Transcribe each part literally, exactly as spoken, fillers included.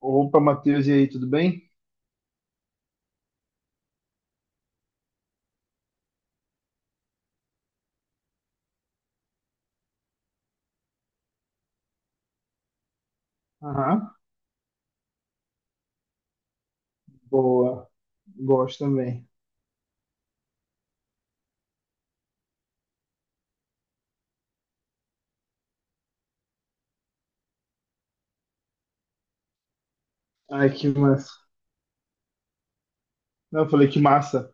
Opa, Matheus, e aí, tudo bem? Aham, boa. Gosto também. Ai, que massa. Não, eu falei que massa.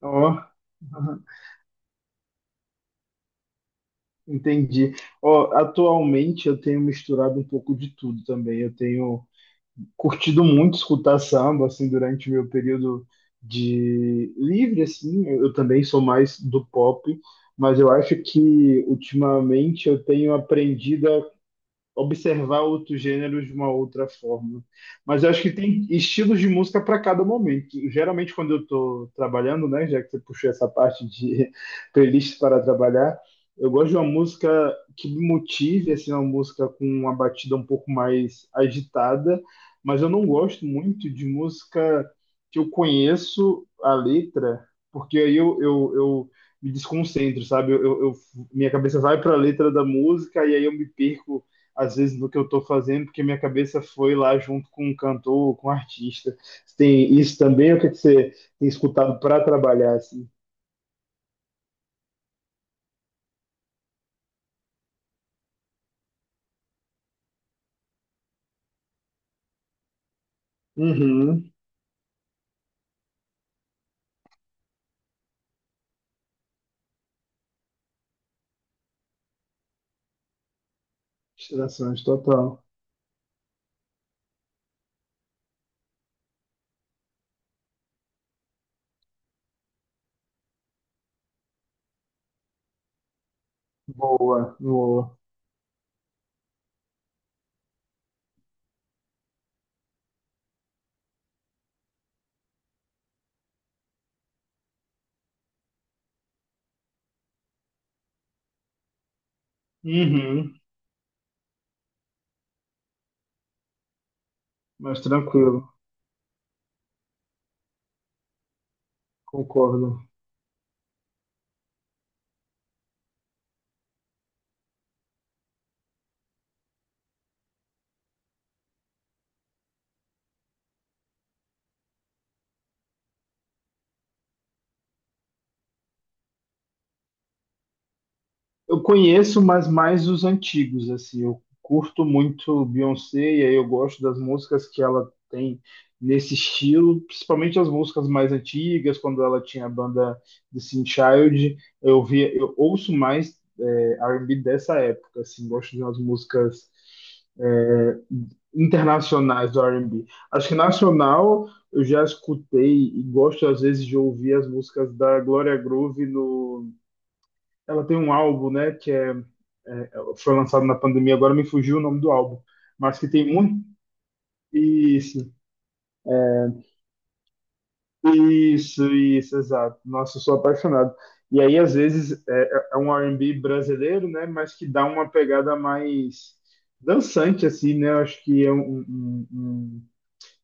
Ó, aham, entendi. Ó, atualmente eu tenho misturado um pouco de tudo também. Eu tenho curtido muito escutar samba, assim, durante meu período de livre, assim. Eu eu também sou mais do pop, mas eu acho que ultimamente eu tenho aprendido observar outros gêneros de uma outra forma. Mas eu acho que tem estilos de música para cada momento. Geralmente, quando eu estou trabalhando, né, já que você puxou essa parte de playlist para trabalhar, eu gosto de uma música que me motive, assim, uma música com uma batida um pouco mais agitada, mas eu não gosto muito de música que eu conheço a letra, porque aí eu, eu, eu me desconcentro, sabe? Eu, eu- eu- minha cabeça vai para a letra da música e aí eu me perco às vezes do que eu estou fazendo, porque minha cabeça foi lá junto com um cantor, com um artista. Você tem isso também, ou o que que você tem escutado para trabalhar assim? Uhum. Distrações, total. Boa, boa. Uhum. Mas tranquilo, concordo. Eu conheço, mas mais os antigos, assim. Eu curto muito Beyoncé e aí eu gosto das músicas que ela tem nesse estilo, principalmente as músicas mais antigas, quando ela tinha a banda The Teen Child. Eu via, eu ouço mais é, R and B dessa época, assim. Gosto de umas músicas é, internacionais do R and B. Acho que nacional eu já escutei e gosto às vezes de ouvir as músicas da Gloria Groove no ela tem um álbum, né, que é, é, é, foi lançado na pandemia, agora me fugiu o nome do álbum, mas que tem muito. Isso, isso, isso, exato. Nossa, eu sou apaixonado. E aí, às vezes, é, é é um R and B brasileiro, né, mas que dá uma pegada mais dançante, assim, né? Eu acho que é um, um, um, um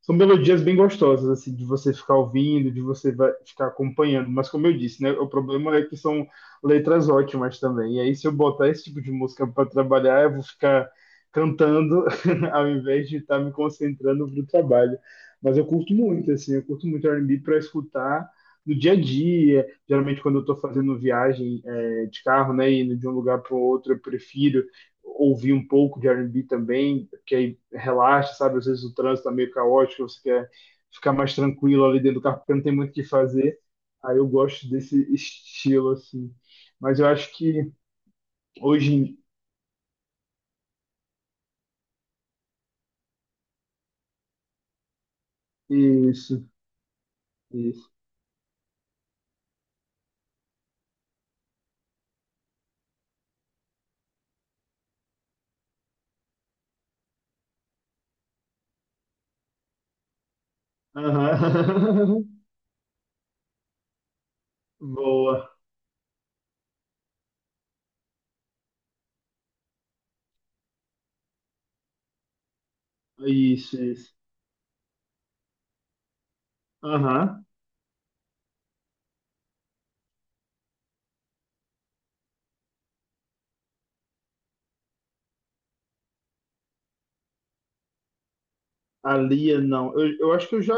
são melodias bem gostosas, assim, de você ficar ouvindo, de você vai ficar acompanhando. Mas como eu disse, né, o problema é que são letras ótimas também. E aí, se eu botar esse tipo de música para trabalhar, eu vou ficar cantando ao invés de estar me concentrando pro trabalho. Mas eu curto muito, assim, eu curto muito R and B para escutar no dia a dia. Geralmente, quando eu estou fazendo viagem é, de carro, né, indo de um lugar para o outro, eu prefiro ouvir um pouco de R and B também, que aí relaxa, sabe? Às vezes o trânsito tá meio caótico, você quer ficar mais tranquilo ali dentro do carro, porque não tem muito o que fazer. Aí eu gosto desse estilo, assim. Mas eu acho que hoje... em- Isso, isso. Aham. Boa. Isso, isso. Aham. A Lia, não. Eu, eu acho que eu já.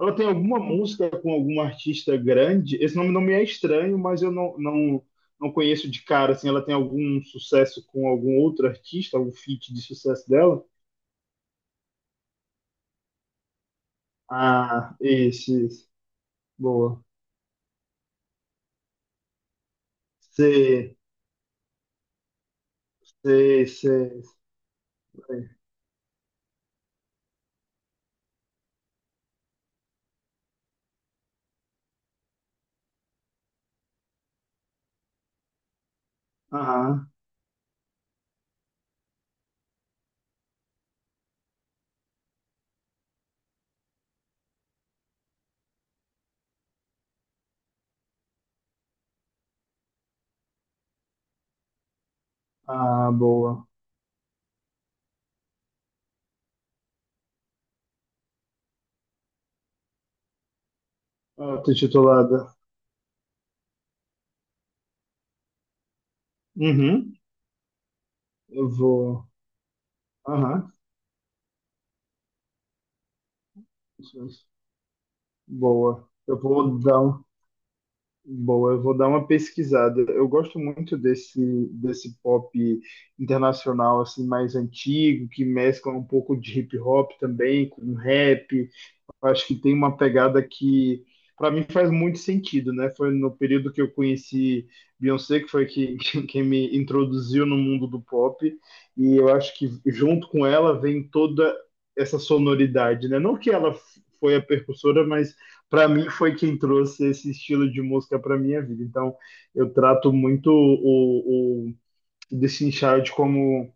Ela tem alguma música com algum artista grande. Esse nome não me é estranho, mas eu não, não, não conheço de cara. Assim, ela tem algum sucesso com algum outro artista, algum feat de sucesso dela? Ah, esse, esse. Boa. Sei, sei, sei, sei. Aham. Ah, boa. Ah, tô titulada. Uhum. Eu vou. Aham. Boa. Eu vou dar um. Boa, eu vou dar uma pesquisada. Eu gosto muito desse, desse pop internacional assim mais antigo, que mescla um pouco de hip hop também com rap. Eu acho que tem uma pegada que, para mim, faz muito sentido, né? Foi no período que eu conheci Beyoncé, que foi que, quem me introduziu no mundo do pop, e eu acho que junto com ela vem toda essa sonoridade, né? Não que ela f- foi a percussora, mas para mim foi quem trouxe esse estilo de música para minha vida. Então, eu trato muito o, o Destiny Child como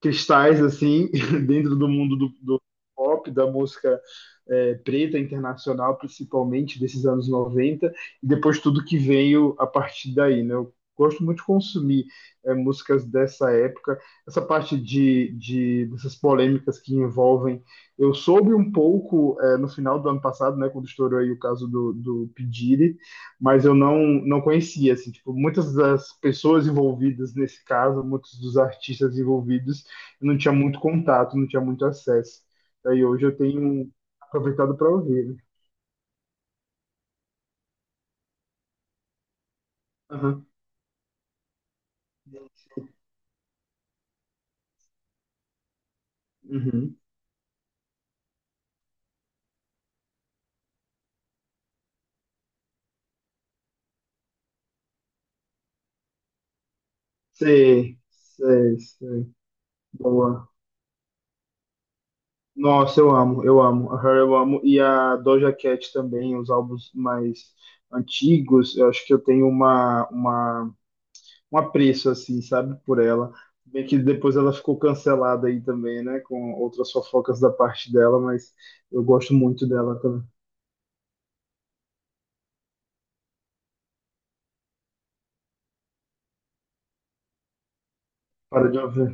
cristais assim dentro do mundo do, do pop, da música é, preta internacional, principalmente desses anos noventa e depois tudo que veio a partir daí, né? Eu gosto muito de consumir é, músicas dessa época, essa parte de, de dessas polêmicas que envolvem. Eu soube um pouco é, no final do ano passado, né, quando estourou aí o caso do, do P. Diddy, mas eu não, não conhecia, assim, tipo, muitas das pessoas envolvidas nesse caso, muitos dos artistas envolvidos, eu não tinha muito contato, não tinha muito acesso. Daí hoje eu tenho aproveitado para ouvir, né? Aham. Uhum. Sei, sei, sei. Boa. Nossa, eu amo, eu amo. A Her eu amo. E a Doja Cat também, os álbuns mais antigos. Eu acho que eu tenho uma, uma, um apreço, assim, sabe, por ela. Bem que depois ela ficou cancelada aí também, né, com outras fofocas da parte dela, mas eu gosto muito dela também. Para de ouvir.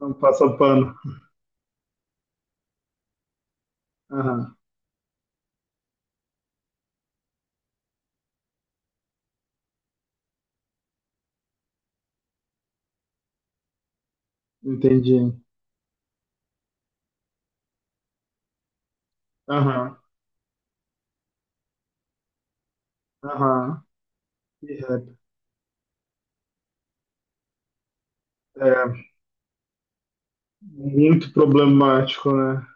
Não passa pano. Aham. Entendi. Aham, aham. E rap. É muito problemático, né?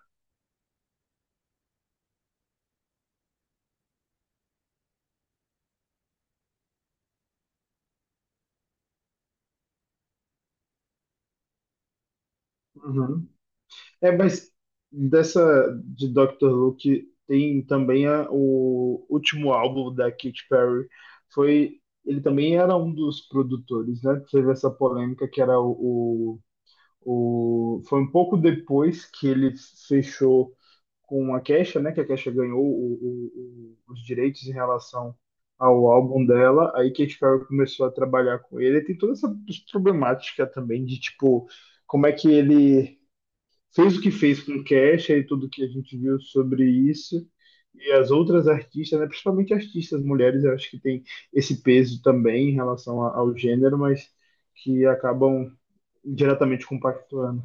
Uhum. É, mas dessa de doutor Luke tem também a- o último álbum da Katy Perry. Foi, ele também era um dos produtores, né? Teve essa polêmica que era o, o, o- foi um pouco depois que ele fechou com a Kesha, né? Que a Kesha ganhou o- o- o- os direitos em relação ao álbum dela. Aí Katy Perry começou a trabalhar com ele. Tem toda essa problemática também de tipo como é que ele fez o que fez com Kesha e tudo que a gente viu sobre isso. E as outras artistas, né, principalmente artistas mulheres, eu acho que tem esse peso também em relação a- ao gênero, mas que acabam diretamente compactuando.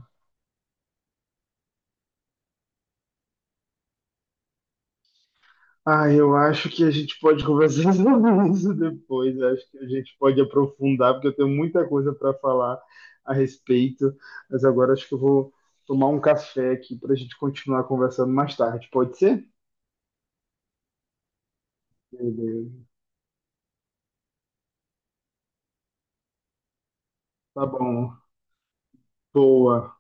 Ah, eu acho que a gente pode conversar sobre isso depois. Eu acho que a gente pode aprofundar, porque eu tenho muita coisa para falar a respeito. Mas agora acho que eu vou tomar um café aqui para a gente continuar conversando mais tarde. Pode ser? Beleza. Tá bom. Boa,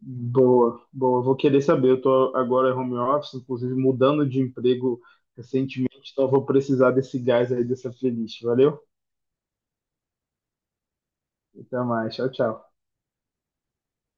boa, boa. Vou querer saber. Eu tô agora em home office, inclusive mudando de emprego recentemente, então eu vou precisar desse gás aí, dessa playlist. Valeu? Até mais. Tchau, tchau.